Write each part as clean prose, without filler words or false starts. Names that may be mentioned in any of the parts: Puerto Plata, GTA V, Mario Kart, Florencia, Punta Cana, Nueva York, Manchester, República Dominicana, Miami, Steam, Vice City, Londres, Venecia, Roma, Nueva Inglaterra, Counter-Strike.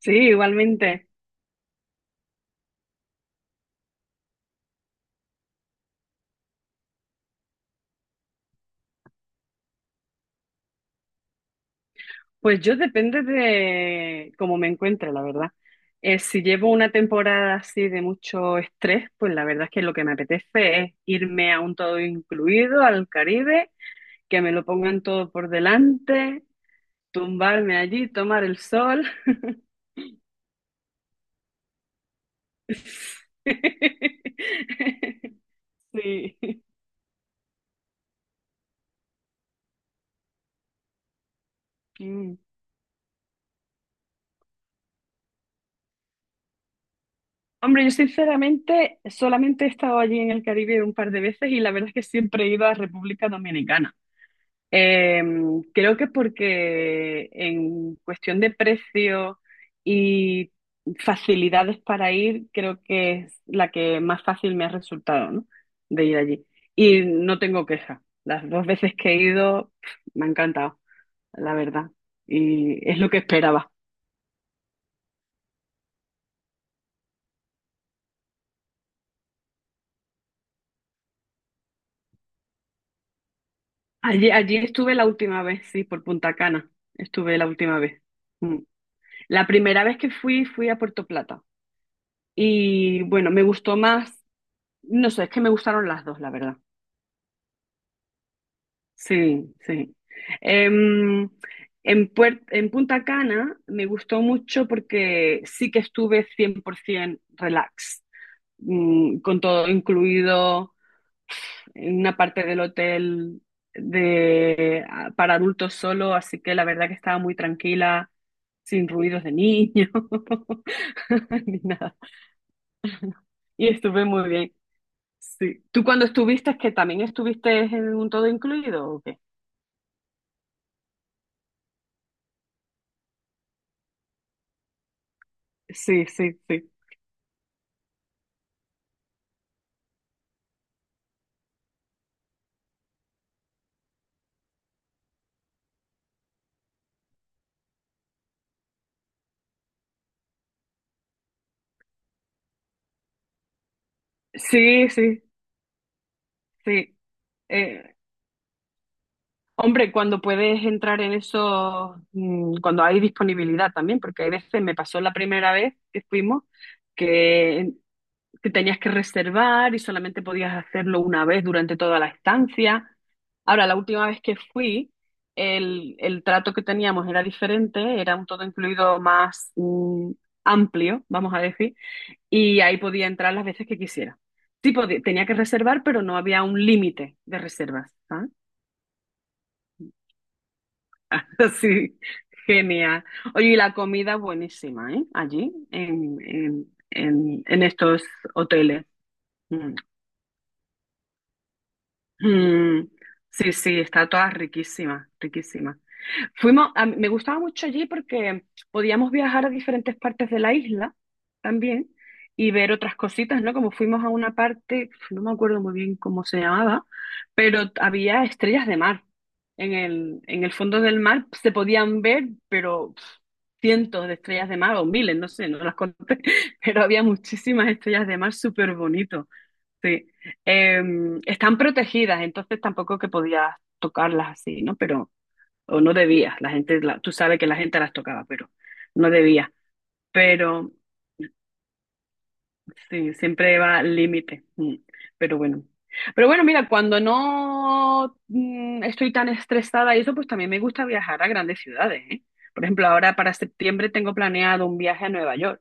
Sí, igualmente. Pues yo depende de cómo me encuentre, la verdad. Si llevo una temporada así de mucho estrés, pues la verdad es que lo que me apetece es irme a un todo incluido, al Caribe, que me lo pongan todo por delante, tumbarme allí, tomar el sol. Sí. Mm. Hombre, yo sinceramente solamente he estado allí en el Caribe un par de veces y la verdad es que siempre he ido a República Dominicana. Eh, Creo que porque en cuestión de precio y facilidades para ir, creo que es la que más fácil me ha resultado, ¿no? De ir allí. Y no tengo queja. Las dos veces que he ido, pf, me ha encantado, la verdad. Y es lo que esperaba. Allí estuve la última vez, sí, por Punta Cana. Estuve la última vez. Mm. La primera vez que fui, fui a Puerto Plata. Y bueno, me gustó más. No sé, es que me gustaron las dos, la verdad. Sí, sí. Em, en Punta Cana me gustó mucho porque sí que estuve 100% relax, con todo incluido en una parte del hotel de, para adultos solo, así que la verdad que estaba muy tranquila, sin ruidos de niños, ni nada. Y estuve muy bien. Sí. ¿Tú cuando estuviste, es que también estuviste en un todo incluido o qué? Sí, sí, sí. Sí, sí, sí. Eh, Hombre, cuando puedes entrar en eso, cuando hay disponibilidad también, porque hay veces, me pasó la primera vez que fuimos, que que tenías que reservar y solamente podías hacerlo una vez durante toda la estancia. Ahora, la última vez que fui, el trato que teníamos era diferente, era un todo incluido más amplio, vamos a decir, y ahí podía entrar las veces que quisiera. Sí, tenía que reservar, pero no había un límite de reservas. ¿Sabes? Sí, genial. Oye, y la comida buenísima, ¿eh? Allí, en estos hoteles. Mm. Mm, sí, sí, está toda riquísima, riquísima. Me gustaba mucho allí porque podíamos viajar a diferentes partes de la isla también y ver otras cositas, ¿no? Como fuimos a una parte, no me acuerdo muy bien cómo se llamaba, pero había estrellas de mar. En el fondo del mar se podían ver, pero pf, cientos de estrellas de mar o miles, no sé, no las conté, pero había muchísimas estrellas de mar súper bonitos. Sí. Están protegidas, entonces tampoco que podías tocarlas así, ¿no? Pero, o no debías, la gente, tú sabes que la gente las tocaba, pero no debías, pero sí, siempre va al límite. Pero bueno. Pero bueno, mira, cuando no estoy tan estresada y eso, pues también me gusta viajar a grandes ciudades, ¿eh? Por ejemplo, ahora para septiembre tengo planeado un viaje a Nueva York,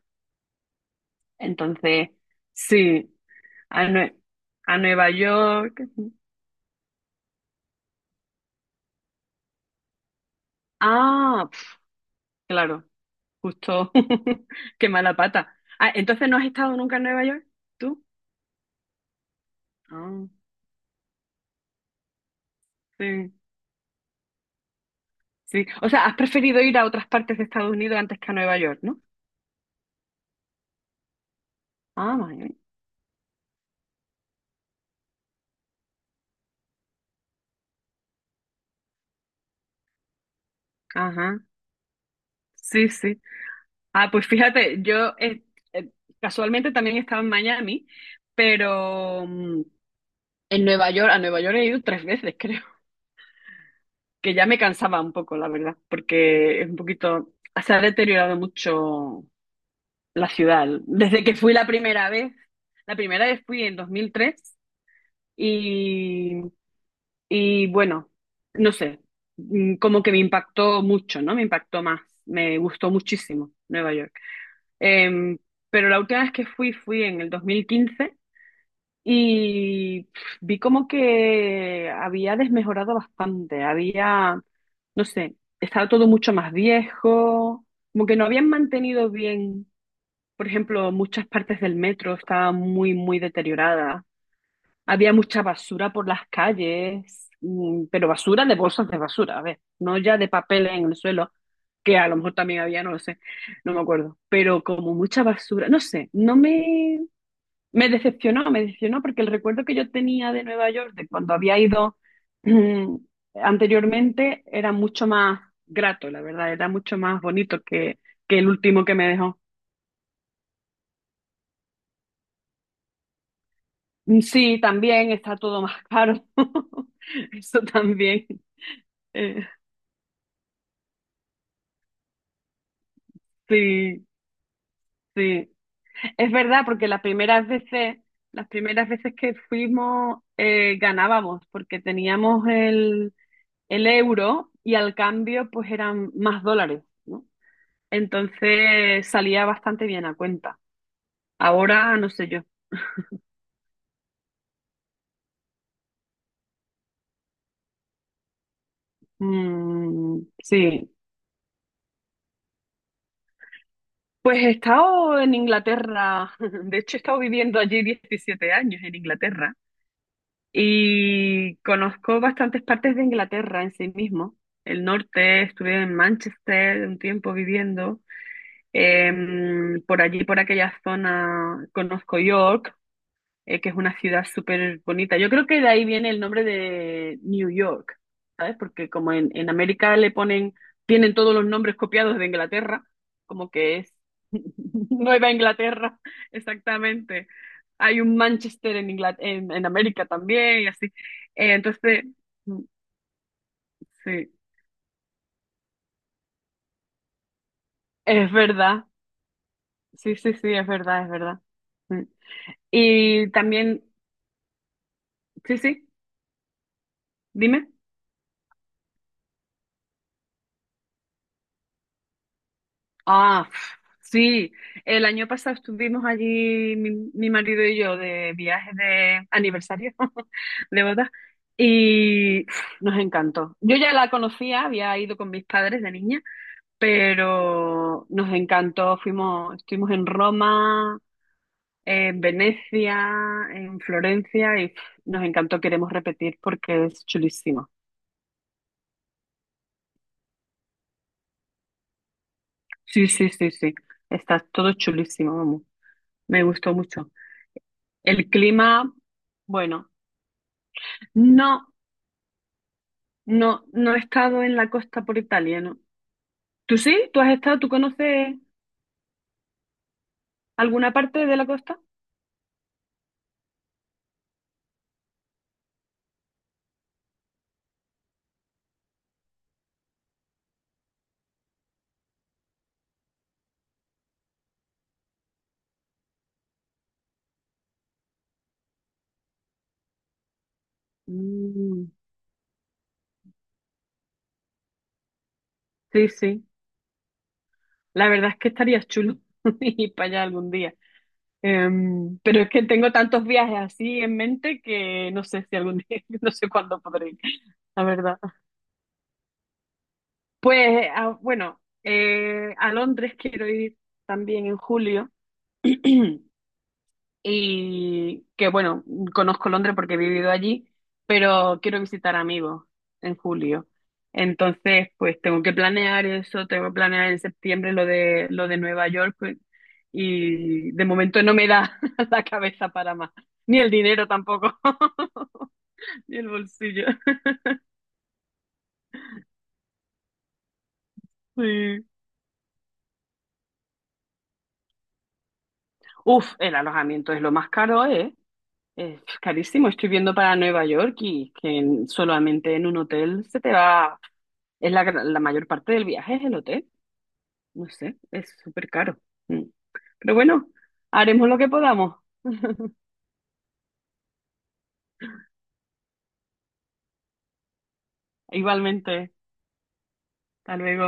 entonces, sí, a, Nue- a Nueva York. Ah, pf, claro. Justo, qué mala pata. Ah, entonces no has estado nunca en Nueva York, ¿tú? Ah, sí, sí. O sea, has preferido ir a otras partes de Estados Unidos antes que a Nueva York, ¿no? Ah, vale. Ajá, sí, sí. Ah, pues fíjate, yo eh, casualmente también he estado en Miami, pero en Nueva York, a Nueva York he ido tres veces, creo, que ya me cansaba un poco, la verdad, porque es un poquito, se ha deteriorado mucho la ciudad. Desde que fui la primera vez fui en 2003 y, y bueno, no sé, como que me impactó mucho, ¿no? Me impactó más, me gustó muchísimo Nueva York. Em, pero la última vez que fui fui en el 2015 y pf, vi como que había desmejorado bastante, había, no sé, estaba todo mucho más viejo, como que no habían mantenido bien. Por ejemplo, muchas partes del metro estaban muy, muy deterioradas. Había mucha basura por las calles, pero basura de bolsas de basura, a ver, no ya de papel en el suelo, que a lo mejor también había, no lo sé, no me acuerdo, pero como mucha basura, no sé, no me, me decepcionó porque el recuerdo que yo tenía de Nueva York, de cuando había ido mm, anteriormente, era mucho más grato, la verdad, era mucho más bonito que, el último que me dejó. Mm, sí, también está todo más caro. Eso también. Eh, sí, sí. Es verdad, porque las primeras veces que fuimos ganábamos, porque teníamos el euro y al cambio pues eran más dólares, ¿no? Entonces salía bastante bien a cuenta. Ahora no sé yo. Mm, sí. Pues he estado en Inglaterra, de hecho he estado viviendo allí 17 años en Inglaterra y conozco bastantes partes de Inglaterra en sí mismo. El norte, estuve en Manchester un tiempo viviendo, por allí, por aquella zona, conozco York, que es una ciudad súper bonita. Yo creo que de ahí viene el nombre de New York, ¿sabes? Porque como en América le ponen, tienen todos los nombres copiados de Inglaterra, como que es... Nueva Inglaterra, exactamente. Hay un Manchester en América también, y así. Entonces, mm, sí, es verdad. Sí, sí, sí, es verdad, es verdad. Mm. Y también, sí, sí, dime. Ah, sí, el año pasado estuvimos allí, mi marido y yo, de viaje de aniversario de boda, y pf, nos encantó. Yo ya la conocía, había ido con mis padres de niña, pero nos encantó. Fuimos, estuvimos en Roma, en Venecia, en Florencia y pf, nos encantó. Queremos repetir porque es chulísimo. Sí, sí, sí, sí. Está todo chulísimo, vamos. Me gustó mucho. El clima, bueno, no, no, no he estado en la costa por Italia, ¿no? ¿Tú sí? ¿Tú has estado? ¿Tú conoces alguna parte de la costa? Mm, sí, sí. La verdad es que estaría chulo ir para allá algún día. Pero es que tengo tantos viajes así en mente que no sé si algún día, no sé cuándo podré ir, la verdad. Pues, bueno, a Londres quiero ir también en julio. Y que bueno, conozco Londres porque he vivido allí, pero quiero visitar amigos en julio. Entonces, pues tengo que planear eso, tengo que planear en septiembre lo de Nueva York pues, y de momento no me da la cabeza para más, ni el dinero tampoco, ni el bolsillo. Sí. Uf, el alojamiento es lo más caro, ¿eh? Es carísimo. Estoy viendo para Nueva York y que solamente en un hotel se te va, es la mayor parte del viaje es el hotel. No sé, es súper caro. Mm. Pero bueno, haremos lo que podamos. Igualmente, hasta luego.